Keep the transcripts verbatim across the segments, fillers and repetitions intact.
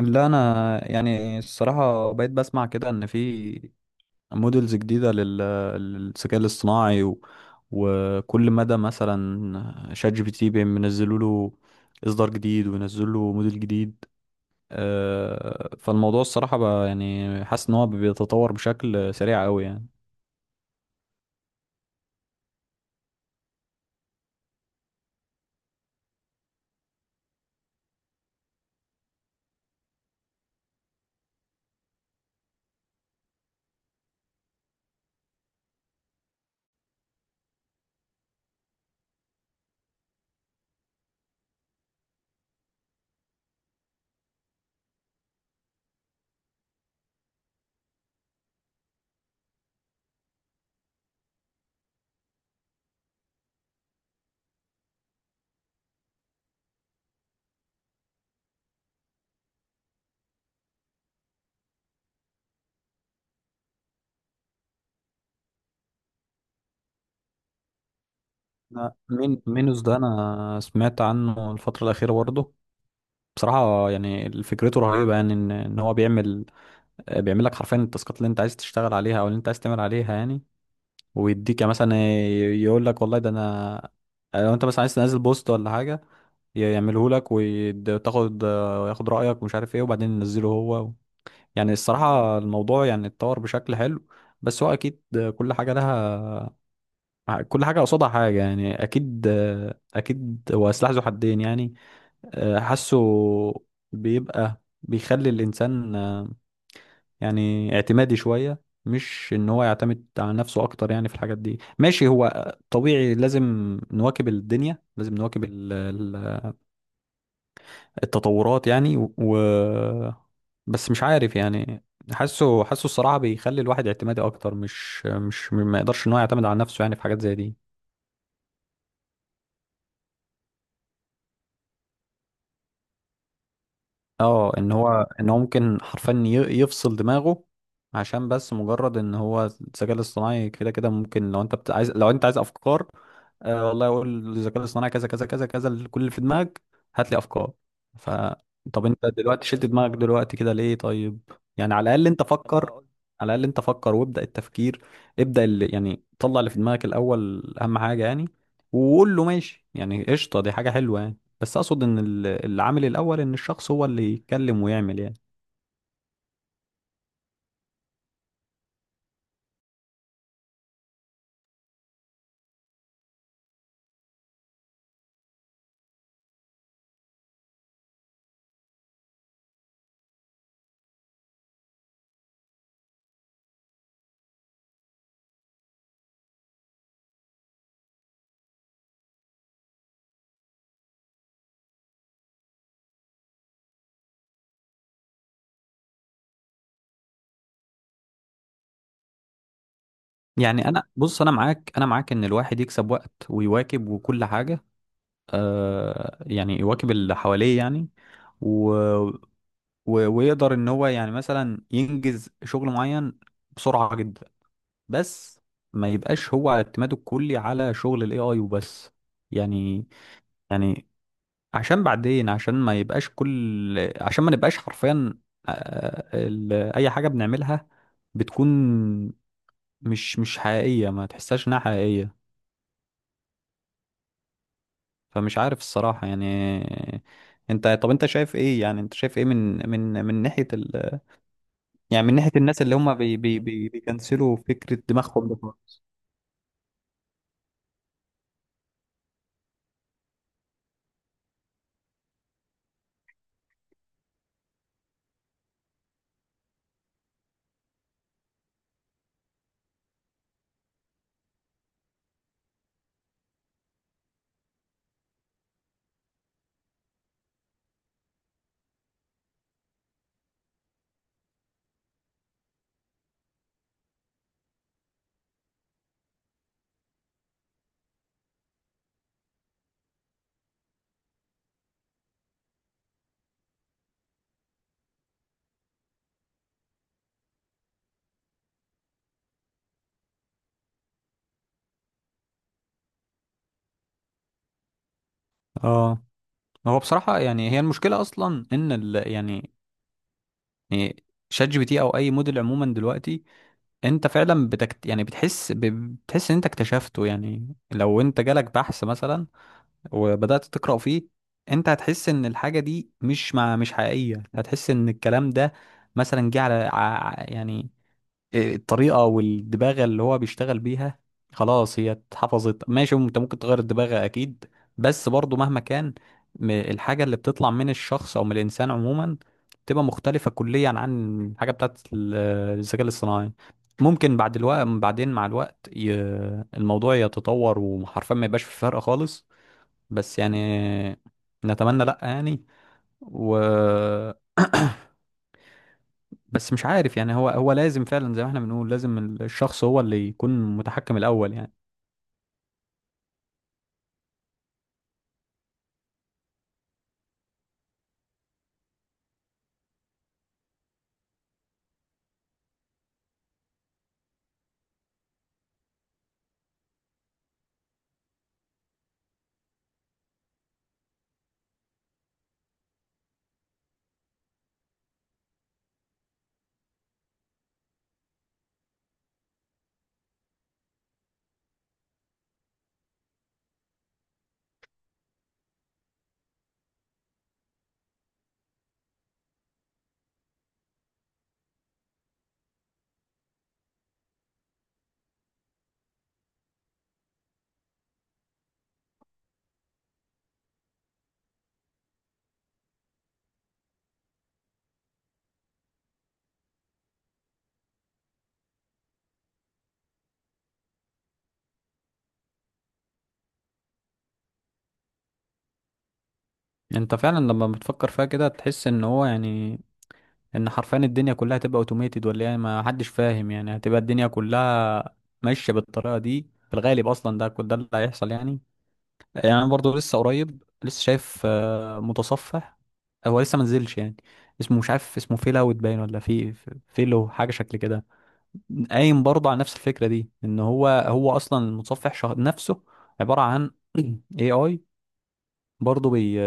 لا، انا يعني الصراحه بقيت بسمع كده ان في موديلز جديده لل- للذكاء الاصطناعي و... وكل مدى مثلا شات جي بي تي بينزلوا له اصدار جديد وينزلوا له موديل جديد. آه، فالموضوع الصراحه بقى يعني حاسس ان هو بيتطور بشكل سريع قوي يعني. أنا مين مينوس ده انا سمعت عنه الفتره الاخيره برضه. بصراحه يعني فكرته رهيبه يعني ان إن هو بيعمل آه، بيعمل لك حرفيا التاسكات اللي انت عايز تشتغل عليها او اللي انت عايز تعمل عليها يعني. ويديك مثلا، يقول لك والله ده انا، لو انت مثلا عايز تنزل بوست ولا حاجه يعمله لك، وتاخد ياخد رايك ومش عارف ايه، وبعدين ينزله هو. يعني الصراحه الموضوع يعني اتطور بشكل حلو، بس هو اكيد، كل حاجه لها كل حاجه قصادها حاجه يعني، اكيد اكيد هو سلاح ذو حدين يعني. آه، حاسه بيبقى بيخلي الانسان يعني اعتمادي شوية، مش ان هو يعتمد على نفسه اكتر يعني في الحاجات دي. ماشي، هو طبيعي، لازم نواكب الدنيا، لازم نواكب ال- ال- التطورات يعني، و و- بس مش عارف يعني. حاسه حاسه الصراحة بيخلي الواحد اعتمادي اكتر، مش مش ما يقدرش ان هو يعتمد على نفسه يعني في حاجات زي دي. اه، ان هو ان هو ممكن حرفيا ي- يفصل دماغه. عشان بس مجرد ان هو الذكاء الاصطناعي كده كده ممكن، لو انت بت- عايز لو انت عايز افكار، آه والله اقول للذكاء الاصطناعي كذا كذا كذا كذا كل اللي في دماغك، هات لي افكار. ف طب انت دلوقتي شلت دماغك دلوقتي كده ليه؟ طيب يعني، على الاقل انت فكر على الاقل انت فكر وابدا التفكير. ابدا اللي يعني طلع اللي في دماغك الاول، اهم حاجه يعني. وقول له ماشي، يعني قشطه، دي حاجه حلوه يعني. بس اقصد ان ال- العامل الاول ان الشخص هو اللي يتكلم ويعمل يعني. يعني انا، بص، انا معاك انا معاك ان الواحد يكسب وقت ويواكب وكل حاجة. آه يعني يواكب اللي حواليه يعني، و... و... ويقدر ان هو يعني مثلا ينجز شغل معين بسرعة جدا. بس ما يبقاش هو اعتماده الكلي على شغل الاي اي وبس يعني. يعني عشان بعدين، عشان ما يبقاش كل عشان ما نبقاش حرفيا، آه، ال- اي حاجه بنعملها بتكون مش مش حقيقيه، ما تحسهاش انها حقيقيه. فمش عارف الصراحه يعني. انت طب انت شايف ايه يعني انت شايف ايه من من من ناحيه ال... يعني، من ناحيه الناس اللي هم بي بي بي بيكنسلوا فكره دماغهم ده خالص؟ اه، هو بصراحه يعني، هي المشكله اصلا ان ال... يعني يعني شات جي بي تي او اي موديل عموما دلوقتي، انت فعلا بتكت... يعني بتحس ب... بتحس ان انت اكتشفته. يعني لو انت جالك بحث مثلا وبدأت تقرأ فيه، انت هتحس ان الحاجة دي مش مع... مش حقيقية. هتحس ان الكلام ده مثلا جه على ع... ع- يعني الطريقة والدباغة اللي هو بيشتغل بيها. خلاص، هي اتحفظت، ماشي، انت ممكن تغير الدباغة اكيد. بس برضو مهما كان، م- الحاجة اللي بتطلع من الشخص او من الانسان عموما بتبقى مختلفة كليا عن الحاجة بتاعت ال- الذكاء الاصطناعي. ممكن بعد الوقت بعدين مع الوقت ي... الموضوع يتطور وحرفيا ما يبقاش في فرق خالص. بس يعني، نتمنى لا يعني، و، بس مش عارف يعني. هو هو لازم فعلا زي ما احنا بنقول، لازم الشخص هو اللي يكون متحكم الاول يعني. انت فعلا لما بتفكر فيها كده تحس ان هو يعني ان حرفيا الدنيا كلها هتبقى اوتوميتد، ولا يعني ما حدش فاهم يعني. هتبقى الدنيا كلها ماشيه بالطريقه دي في الغالب، اصلا ده كل ده اللي هيحصل يعني. يعني انا برضه لسه قريب لسه شايف آه، متصفح، هو لسه ما نزلش يعني. اسمه مش عارف، اسمه فيل اوت باين، ولا في فيلو، حاجه شكل كده. قايم برضه على نفس الفكرة دي، ان هو، هو اصلا المتصفح شهر نفسه عبارة عن اي اي. برضه بي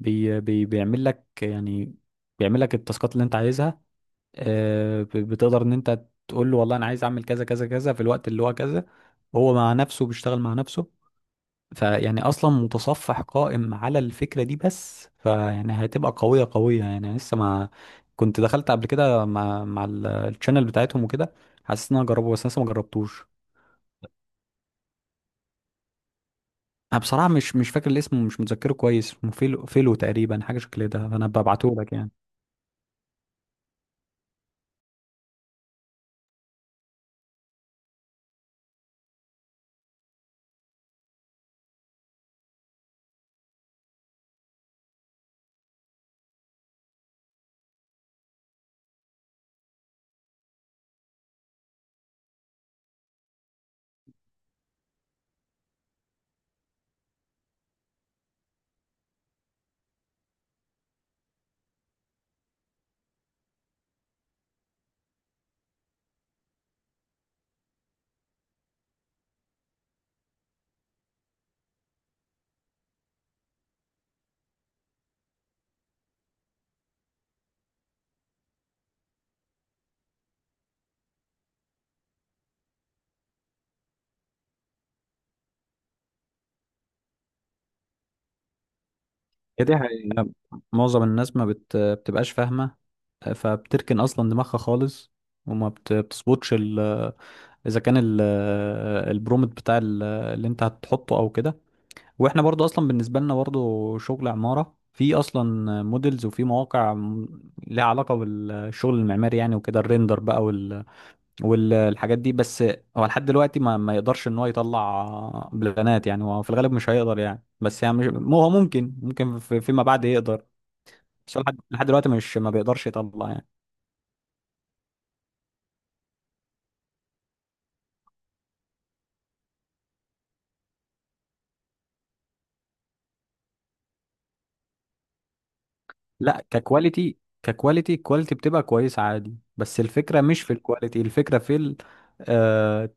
بي بي بيعمل لك يعني، بيعمل لك التاسكات اللي انت عايزها. آه، ب- بتقدر ان انت تقول له والله انا عايز اعمل كذا كذا كذا في الوقت اللي هو كذا، هو مع نفسه بيشتغل مع نفسه. فيعني اصلا متصفح قائم على الفكره دي، بس فيعني هتبقى قويه قويه يعني. لسه ما، كنت دخلت قبل كده مع مع ال- الشانل بتاعتهم وكده، حاسس ان انا اجربه بس لسه ما جربتوش. انا بصراحه مش مش فاكر الاسم ومش متذكره كويس. اسمه فيلو فيلو تقريبا حاجه شكل ده، فانا ببعته لك يعني. هي دي حقيقة. معظم الناس ما بت... بتبقاش فاهمه، فبتركن اصلا دماغها خالص، وما بت- بتظبطش ال... اذا كان ال... البرومت بتاع ال- اللي انت هتحطه او كده. واحنا برضو اصلا بالنسبه لنا، برضو شغل عماره، في اصلا موديلز وفي مواقع م- لها علاقه بالشغل المعماري يعني وكده، الريندر بقى وال... والحاجات دي. بس هو لحد دلوقتي ما, ما يقدرش ان هو يطلع بلانات يعني، هو في الغالب مش هيقدر يعني، بس يعني مش... مو هو ممكن ممكن في... فيما بعد يقدر. بس هو لحد لحد دلوقتي مش ما بيقدرش يطلع يعني. لا، ككواليتي ككواليتي الكواليتي بتبقى كويسه عادي، بس الفكره مش في الكواليتي، الفكره في ال... آه،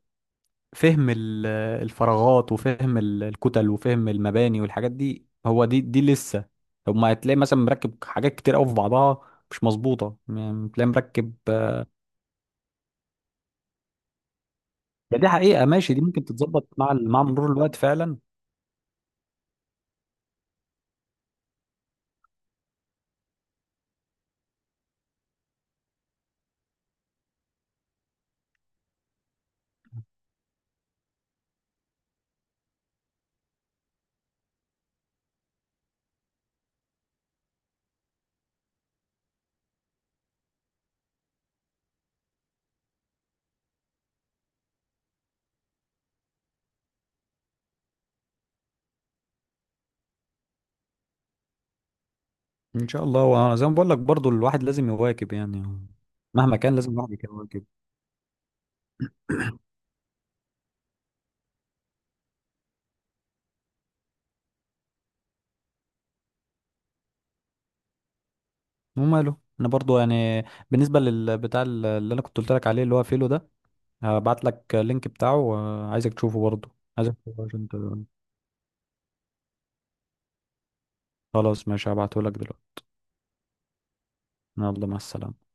فهم ال- الفراغات وفهم ال- الكتل وفهم المباني والحاجات دي، هو دي دي لسه. طب، ما هتلاقي مثلا مركب حاجات كتير قوي في بعضها مش مظبوطه يعني، تلاقي مركب. ده دي حقيقه، ماشي، دي ممكن تتظبط مع ال- مع مرور الوقت فعلا. ان شاء الله، وانا زي ما بقول لك برضو، الواحد لازم يواكب يعني، مهما كان لازم الواحد يواكب. وماله، انا برضو يعني بالنسبه للبتاع اللي انا كنت قلت لك عليه، اللي هو فيلو ده، هبعت لك اللينك بتاعه. آه، عايزك تشوفه برضو، عايزك تشوفه عشان ت- خلاص، ماشي، هبعته لك دلوقتي. يلا، مع السلامة.